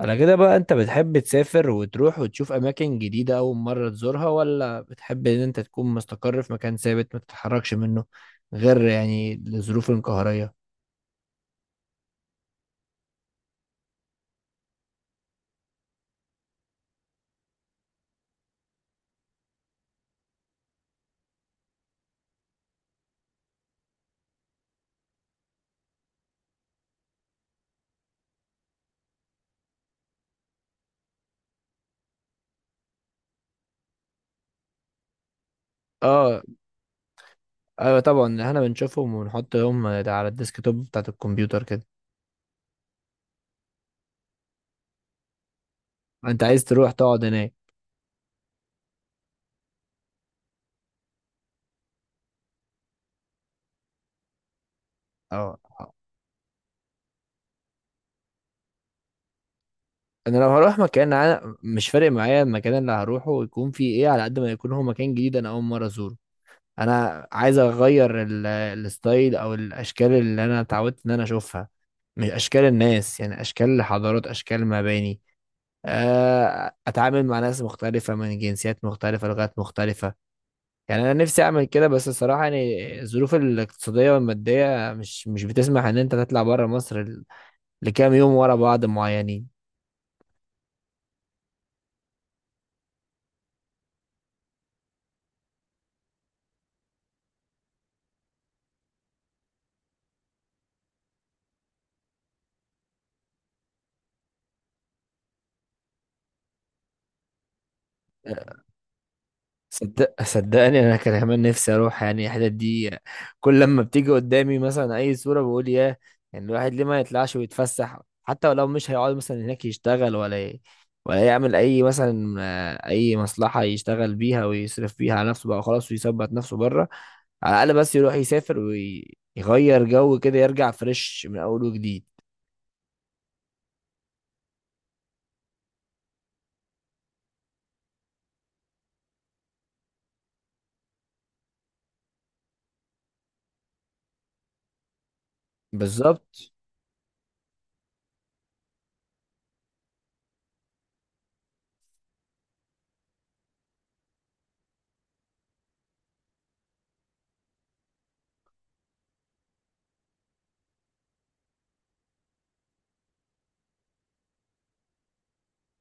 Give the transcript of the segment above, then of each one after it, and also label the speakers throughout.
Speaker 1: انا كده بقى. انت بتحب تسافر وتروح وتشوف اماكن جديدة اول مرة تزورها، ولا بتحب ان انت تكون مستقر في مكان ثابت ما تتحركش منه غير يعني الظروف القهرية؟ اه، ايوه طبعا، احنا بنشوفهم ونحطهم على الديسك توب بتاعت الكمبيوتر كده. انت عايز تروح تقعد هناك. اه، آه. انا لو هروح مكان انا مش فارق معايا المكان اللي هروحه يكون فيه ايه، على قد ما يكون هو مكان جديد انا اول مرة ازوره. انا عايز اغير الستايل او الاشكال اللي انا اتعودت ان انا اشوفها، من اشكال الناس، يعني اشكال حضارات، اشكال مباني. اتعامل مع ناس مختلفه من جنسيات مختلفه، لغات مختلفه. يعني انا نفسي اعمل كده، بس الصراحه يعني الظروف الاقتصاديه والماديه مش بتسمح ان انت تطلع بره مصر لكام يوم ورا بعض معينين. صدقني انا كان كمان نفسي اروح يعني الحتت دي. كل لما بتيجي قدامي مثلا اي صوره بقول ياه، يعني الواحد ليه ما يطلعش ويتفسح، حتى ولو مش هيقعد مثلا هناك يشتغل ولا يعمل اي مثلا اي مصلحه يشتغل بيها ويصرف بيها على نفسه بقى خلاص ويثبت نفسه بره. على الاقل بس يروح يسافر ويغير جو كده، يرجع فريش من اول وجديد. بالظبط.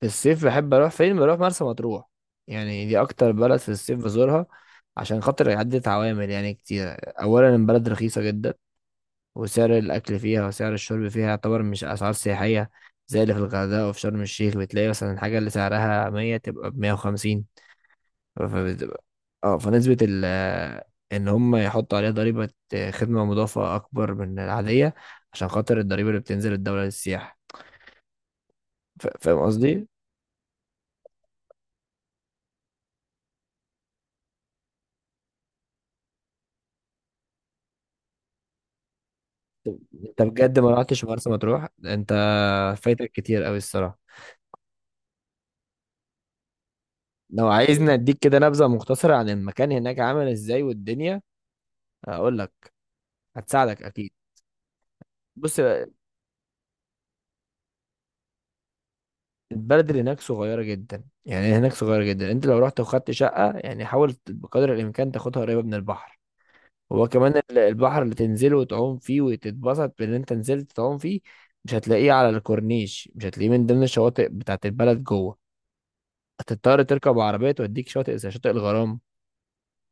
Speaker 1: في الصيف بحب اروح فين؟ بروح مرسى مطروح. يعني دي اكتر بلد في الصيف بزورها عشان خاطر عدة عوامل يعني كتير. اولا البلد رخيصة جدا، وسعر الاكل فيها وسعر الشرب فيها يعتبر مش اسعار سياحية زي اللي في الغردقة وفي شرم الشيخ. بتلاقي مثلا الحاجة اللي سعرها 100 تبقى ب 150. فبتبقى اه، فنسبة ال، ان هم يحطوا عليها ضريبة خدمة مضافة اكبر من العادية عشان خاطر الضريبة اللي بتنزل الدولة للسياحة. فاهم قصدي؟ انت بجد ما رحتش مرسى مطروح انت؟ فايتك كتير قوي الصراحة. لو عايزني اديك كده نبذة مختصرة عن المكان هناك عامل ازاي والدنيا، اقول لك. هتساعدك اكيد. بص بقى، البلد اللي هناك صغيرة جدا، يعني هناك صغيرة جدا. انت لو رحت وخدت شقة يعني حاول بقدر الامكان تاخدها قريبة من البحر. هو كمان البحر اللي تنزله وتعوم فيه وتتبسط بان انت نزلت تعوم فيه، مش هتلاقيه على الكورنيش، مش هتلاقيه من ضمن الشواطئ بتاعت البلد جوه. هتضطر تركب عربية توديك شاطئ، زي شاطئ الغرام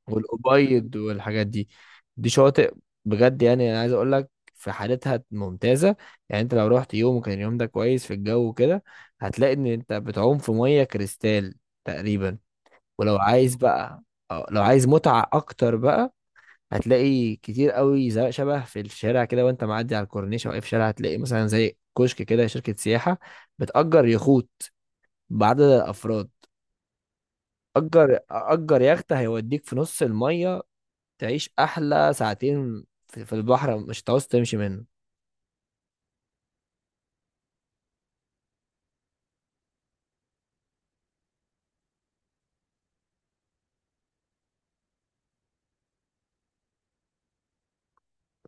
Speaker 1: والأبيض والحاجات دي. دي شواطئ بجد، يعني انا عايز اقول لك، في حالتها ممتازه. يعني انت لو رحت يوم وكان اليوم ده كويس في الجو وكده، هتلاقي ان انت بتعوم في ميه كريستال تقريبا. ولو عايز بقى، لو عايز متعه اكتر بقى، هتلاقي كتير قوي شبه في الشارع كده، وانت معدي على الكورنيش او اي في شارع، هتلاقي مثلا زي كشك كده، شركه سياحه بتأجر يخوت بعدد الافراد. اجر يخت هيوديك في نص الميه، تعيش احلى ساعتين في البحر، مش هتعوز تمشي منه.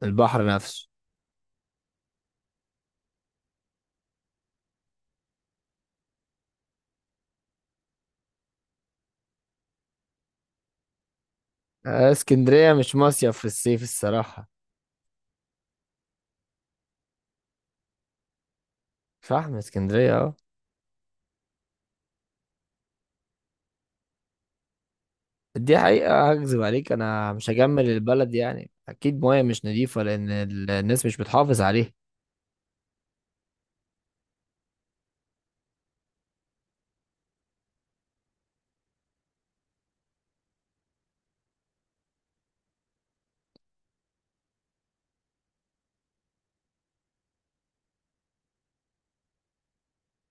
Speaker 1: البحر نفسه. اسكندرية مش مصيف في الصيف الصراحة. فاهم، اسكندرية اه. دي حقيقة، هكذب عليك؟ انا مش هجمل البلد، يعني اكيد مياه مش نظيفة لان الناس مش بتحافظ عليها.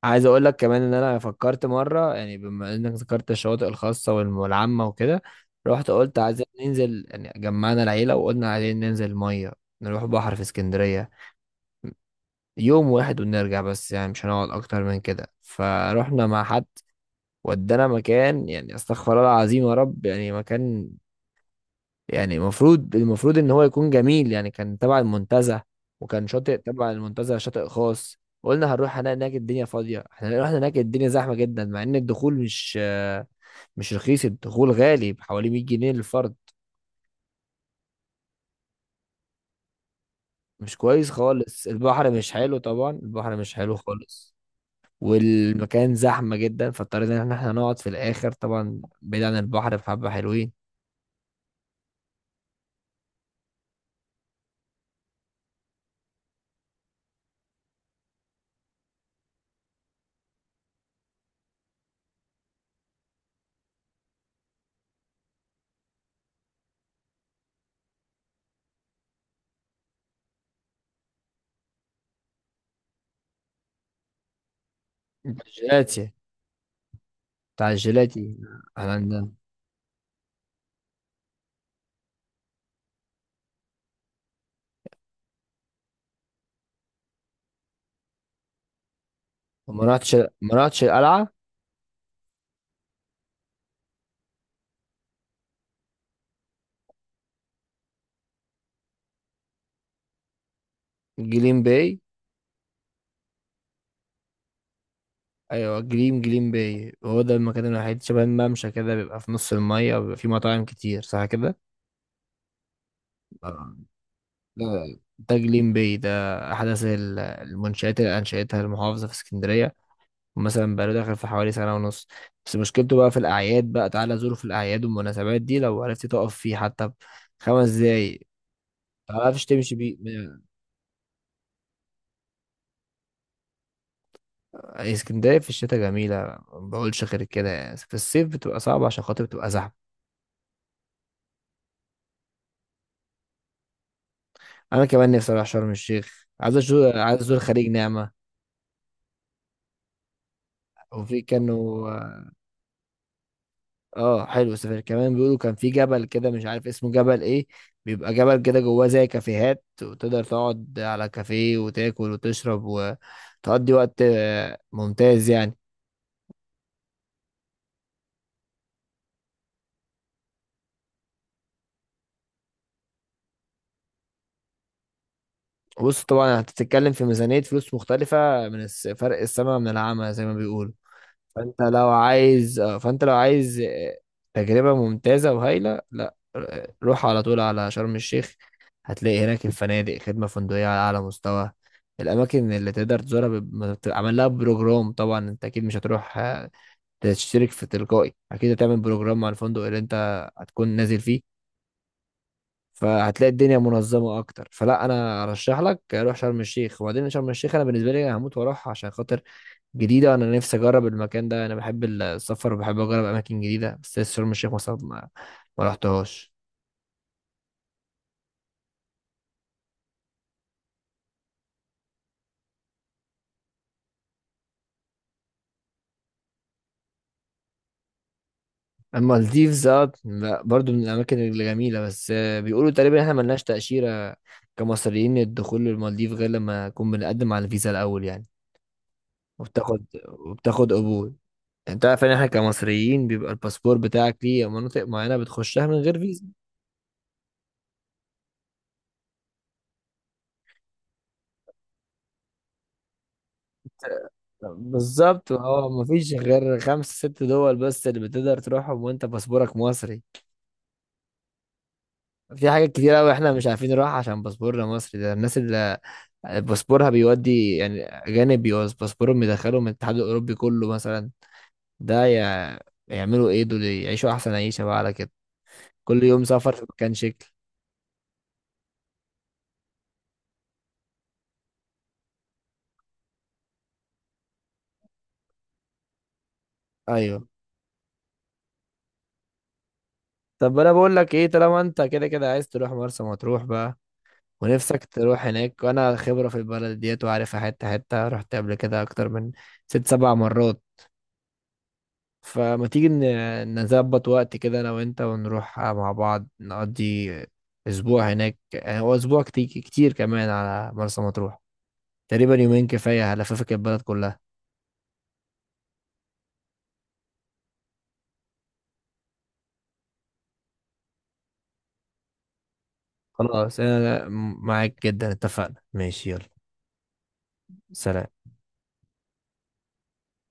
Speaker 1: عايز اقول لك كمان ان انا فكرت مرة، يعني بما انك ذكرت الشواطئ الخاصة والعامة وكده، رحت قلت عايزين ننزل، يعني جمعنا العيلة وقلنا عايزين ننزل مية، نروح بحر في اسكندرية يوم واحد ونرجع بس، يعني مش هنقعد اكتر من كده. فروحنا مع حد ودانا مكان يعني استغفر الله العظيم يا رب، يعني مكان يعني المفروض ان هو يكون جميل، يعني كان تبع المنتزه، وكان شاطئ تبع المنتزه شاطئ خاص. قلنا هنروح هنلاقي هناك الدنيا فاضيه، احنا رحنا هناك الدنيا زحمه جدا. مع ان الدخول مش مش رخيص، الدخول غالي بحوالي 100 جنيه للفرد. مش كويس خالص، البحر مش حلو طبعا، البحر مش حلو خالص. والمكان زحمة جدا، فاضطرينا ان احنا نقعد في الاخر طبعا بعيد عن البحر بحبة حلوين. الجيلاتي، بتاع الجيلاتي. احنا عندنا. ما رحتش ما رحتش القلعة. جليم باي. ايوه، جليم باي هو ده المكان الوحيد شبه الممشى كده، بيبقى في نص المية وبيبقى فيه مطاعم كتير، صح كده؟ آه. لا، ده جليم باي ده احدث المنشآت اللي انشأتها المحافظة في اسكندرية، مثلا بقاله داخل في حوالي سنة ونص. بس مشكلته بقى في الأعياد، بقى تعالى زوره في الأعياد والمناسبات دي، لو عرفت تقف فيه حتى 5 دقايق. متعرفش تمشي بيه اسكندرية في الشتاء جميلة، ما بقولش غير كده يعني. في الصيف بتبقى صعبة عشان خاطر بتبقى زحمة. أنا كمان نفسي أروح شرم الشيخ، عايز أزور، عايز أزور خليج نعمة. وفي كانوا اه. حلو السفاري كمان، بيقولوا كان في جبل كده مش عارف اسمه جبل ايه. بيبقى جبل كده جواه زي كافيهات، وتقدر تقعد على كافيه وتاكل وتشرب وتقضي وقت ممتاز يعني. بص طبعا هتتكلم في ميزانية فلوس مختلفة، من فرق السما من العمى زي ما بيقولوا. فانت لو عايز تجربة ممتازة وهايلة، لا روح على طول على شرم الشيخ. هتلاقي هناك الفنادق، خدمة فندقية على أعلى مستوى. الأماكن اللي تقدر تزورها بيب- ما بت- عمل لها بروجرام. طبعا أنت أكيد مش هتروح تشترك في تلقائي، أكيد هتعمل بروجرام مع الفندق اللي أنت هتكون نازل فيه. فهتلاقي الدنيا منظمة أكتر. فلا، أنا أرشح لك روح شرم الشيخ. وبعدين شرم الشيخ أنا بالنسبة لي هموت وأروح عشان خاطر جديدة، أنا نفسي أجرب المكان ده. أنا بحب السفر وبحب أجرب أماكن جديدة، بس لسه شرم الشيخ مثلا ما رحتهاش. أما المالديفز، لا، برضو من الأماكن الجميلة، بس بيقولوا تقريبا إحنا ملناش تأشيرة كمصريين. الدخول للمالديف غير لما نكون بنقدم على الفيزا الأول يعني، وبتاخد قبول. يعني أنت عارف إن إحنا كمصريين بيبقى الباسبور بتاعك ليه مناطق معينة بتخشها من غير فيزا. بالظبط اه، مفيش غير خمس ست دول بس اللي بتقدر تروحهم وأنت باسبورك مصري. في حاجات كتير قوي احنا مش عارفين نروح عشان باسبورنا مصري. ده الناس اللي باسبورها بيودي يعني اجانب، بيوز باسبورهم يدخلهم من الاتحاد الاوروبي كله مثلا. ده يع- يعملوا ايه دول؟ يعيشوا احسن عيشه بقى على كده، كل يوم سفر في مكان شكل. ايوه. طب انا بقول لك ايه، طالما انت كده كده عايز تروح مرسى مطروح بقى ونفسك تروح هناك، وانا خبره في البلد ديت وعارفها حته حته، رحت قبل كده اكتر من ست سبع مرات، فما تيجي نظبط وقت كده انا وانت ونروح مع بعض، نقضي اسبوع هناك. يعني هو اسبوع كتير كتير كمان على مرسى مطروح، تقريبا يومين كفاية هلففك البلد كلها. خلاص، انا معاك جدا، اتفقنا، ماشي، يلا، سلام.